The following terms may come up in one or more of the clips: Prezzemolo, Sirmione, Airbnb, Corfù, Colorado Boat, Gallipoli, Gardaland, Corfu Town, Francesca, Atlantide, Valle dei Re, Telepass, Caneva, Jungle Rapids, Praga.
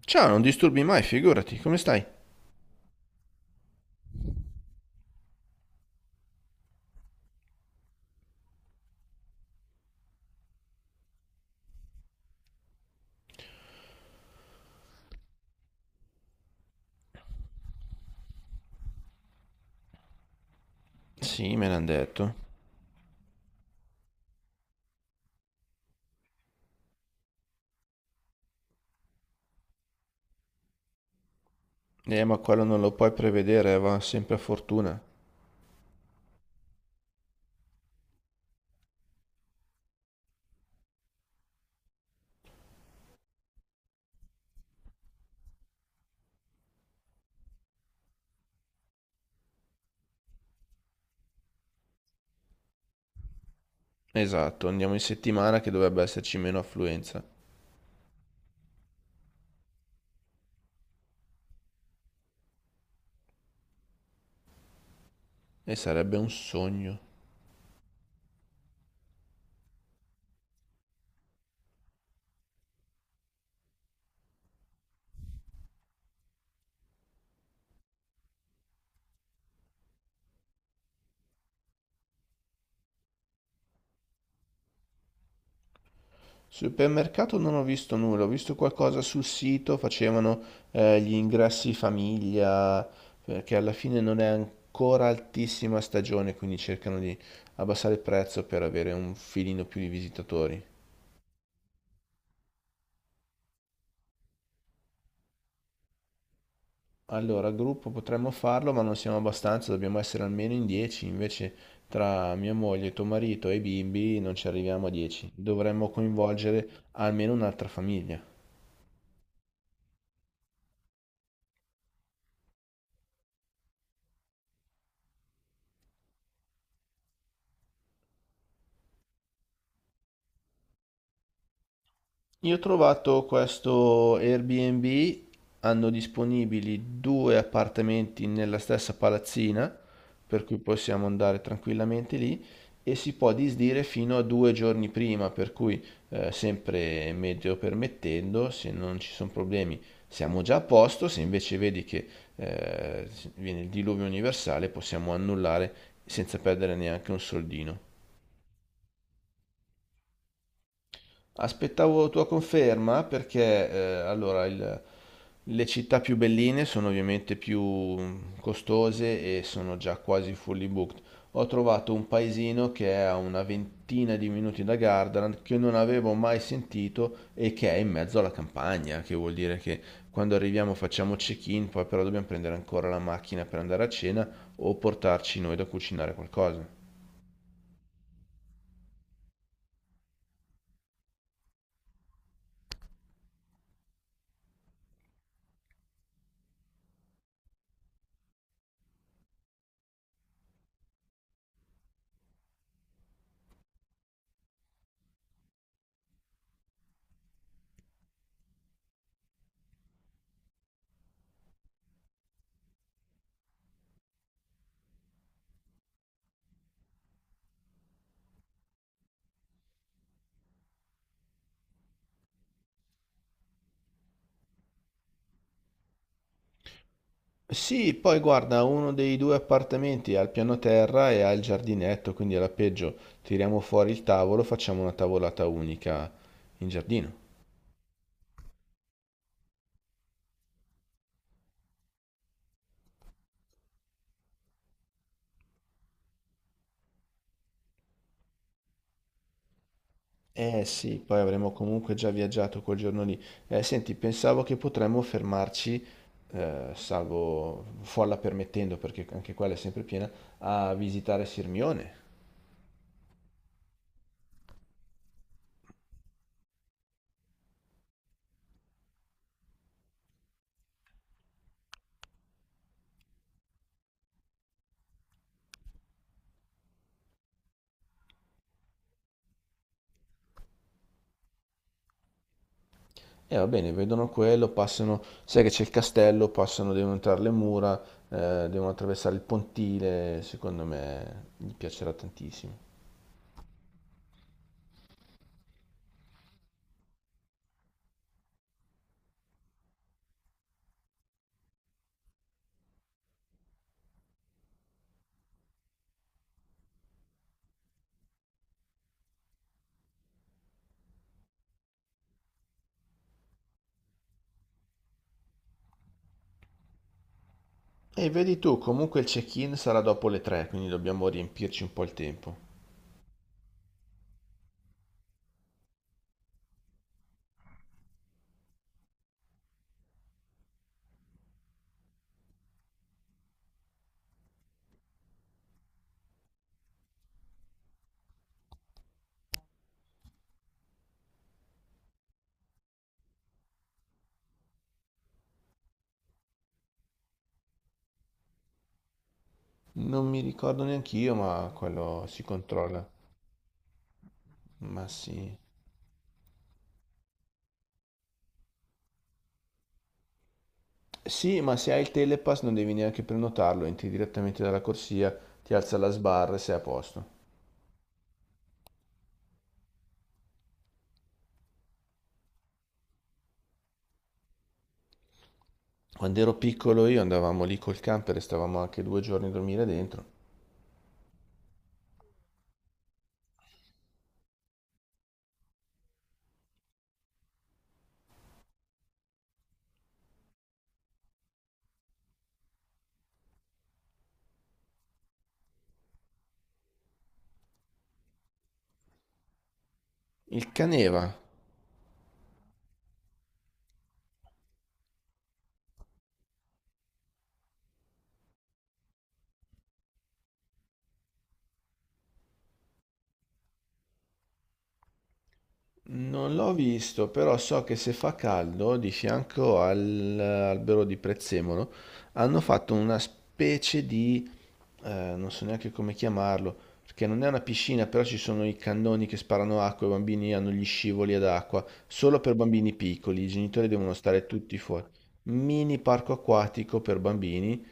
Ciao, non disturbi mai, figurati, come stai? Sì, me l'han detto. Ma quello non lo puoi prevedere, va sempre a fortuna. Esatto, andiamo in settimana che dovrebbe esserci meno affluenza. E sarebbe un sogno. Supermercato non ho visto nulla, ho visto qualcosa sul sito, facevano gli ingressi famiglia, perché alla fine non è ancora altissima stagione, quindi cercano di abbassare il prezzo per avere un filino più di visitatori. Allora, gruppo potremmo farlo, ma non siamo abbastanza, dobbiamo essere almeno in 10, invece tra mia moglie, tuo marito e i bimbi non ci arriviamo a 10. Dovremmo coinvolgere almeno un'altra famiglia. Io ho trovato questo Airbnb, hanno disponibili due appartamenti nella stessa palazzina, per cui possiamo andare tranquillamente lì e si può disdire fino a due giorni prima, per cui sempre meteo permettendo, se non ci sono problemi siamo già a posto, se invece vedi che eh, viene il diluvio universale possiamo annullare senza perdere neanche un soldino. Aspettavo tua conferma perché allora, le città più belline sono ovviamente più costose e sono già quasi fully booked. Ho trovato un paesino che è a una ventina di minuti da Gardaland che non avevo mai sentito e che è in mezzo alla campagna, che vuol dire che quando arriviamo facciamo check-in, poi però dobbiamo prendere ancora la macchina per andare a cena o portarci noi da cucinare qualcosa. Sì, poi guarda, uno dei due appartamenti ha il piano terra e ha il giardinetto, quindi alla peggio tiriamo fuori il tavolo, facciamo una tavolata unica in giardino. Eh sì, poi avremo comunque già viaggiato quel giorno lì. Senti, pensavo che potremmo fermarci, salvo folla permettendo, perché anche quella è sempre piena, a visitare Sirmione. E va bene, vedono quello, passano, sai che c'è il castello, passano, devono entrare le mura, devono attraversare il pontile, secondo me gli piacerà tantissimo. E vedi tu, comunque il check-in sarà dopo le 3, quindi dobbiamo riempirci un po' il tempo. Non mi ricordo neanch'io, ma quello si controlla. Ma sì. Sì, ma se hai il Telepass non devi neanche prenotarlo, entri direttamente dalla corsia, ti alza la sbarra e sei a posto. Quando ero piccolo io andavamo lì col camper e stavamo anche due giorni a dormire dentro. Il Caneva non l'ho visto, però so che se fa caldo, di fianco all'albero di Prezzemolo, hanno fatto una specie di, non so neanche come chiamarlo, perché non è una piscina, però ci sono i cannoni che sparano acqua, i bambini hanno gli scivoli ad acqua, solo per bambini piccoli, i genitori devono stare tutti fuori. Mini parco acquatico per bambini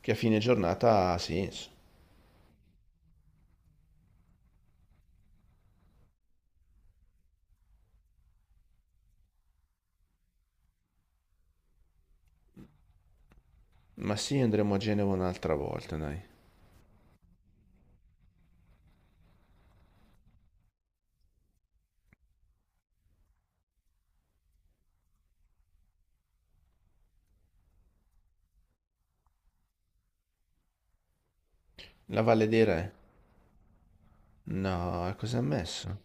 che a fine giornata ha senso. Ma sì, andremo a Genova un'altra volta, dai. La Valle dei Re. No, e cosa ha messo?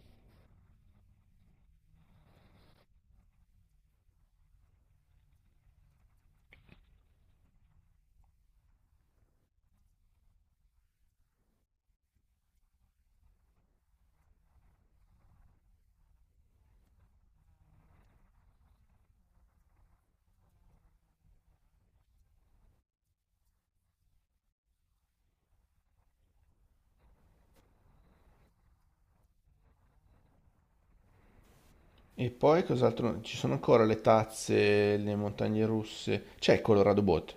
E poi cos'altro? Ci sono ancora le tazze, le montagne russe. C'è il Colorado Boat.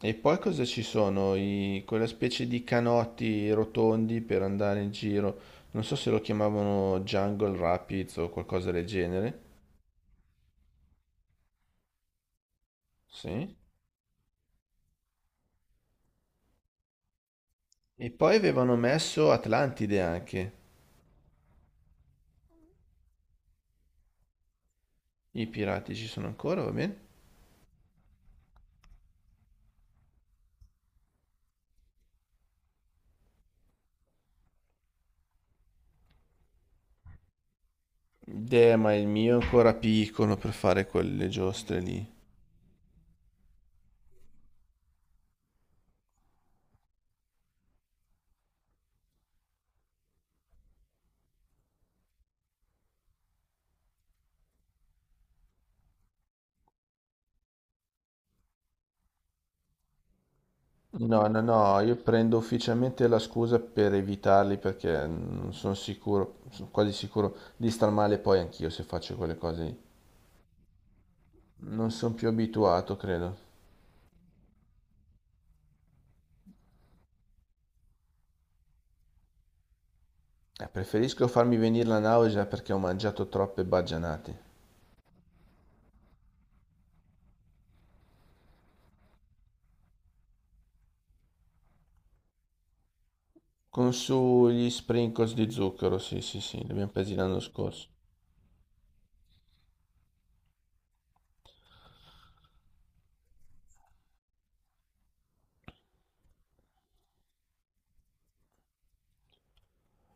E poi cosa ci sono? Quella specie di canotti rotondi per andare in giro. Non so se lo chiamavano Jungle Rapids o qualcosa del genere. Sì. E poi avevano messo Atlantide anche. I pirati ci sono ancora, va bene? Ma il mio è ancora piccolo per fare quelle giostre lì. No, no, no, io prendo ufficialmente la scusa per evitarli perché non sono sicuro, sono quasi sicuro di star male poi anch'io se faccio quelle cose lì. Non sono più abituato, credo. Preferisco farmi venire la nausea perché ho mangiato troppe baggianate. Con su gli sprinkles di zucchero, sì, sì, sì, li abbiamo presi l'anno scorso.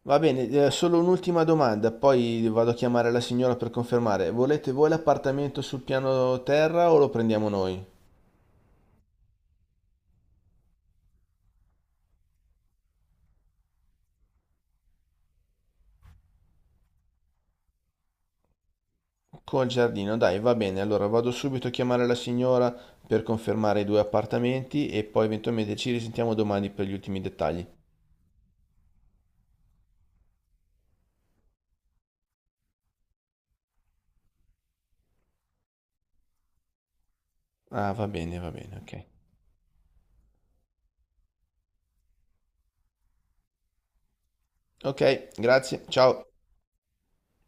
Va bene, solo un'ultima domanda, poi vado a chiamare la signora per confermare. Volete voi l'appartamento sul piano terra o lo prendiamo noi? Col giardino, dai, va bene. Allora vado subito a chiamare la signora per confermare i due appartamenti e poi eventualmente ci risentiamo domani per gli ultimi dettagli. Ah, va bene, ok. Ok, grazie, ciao.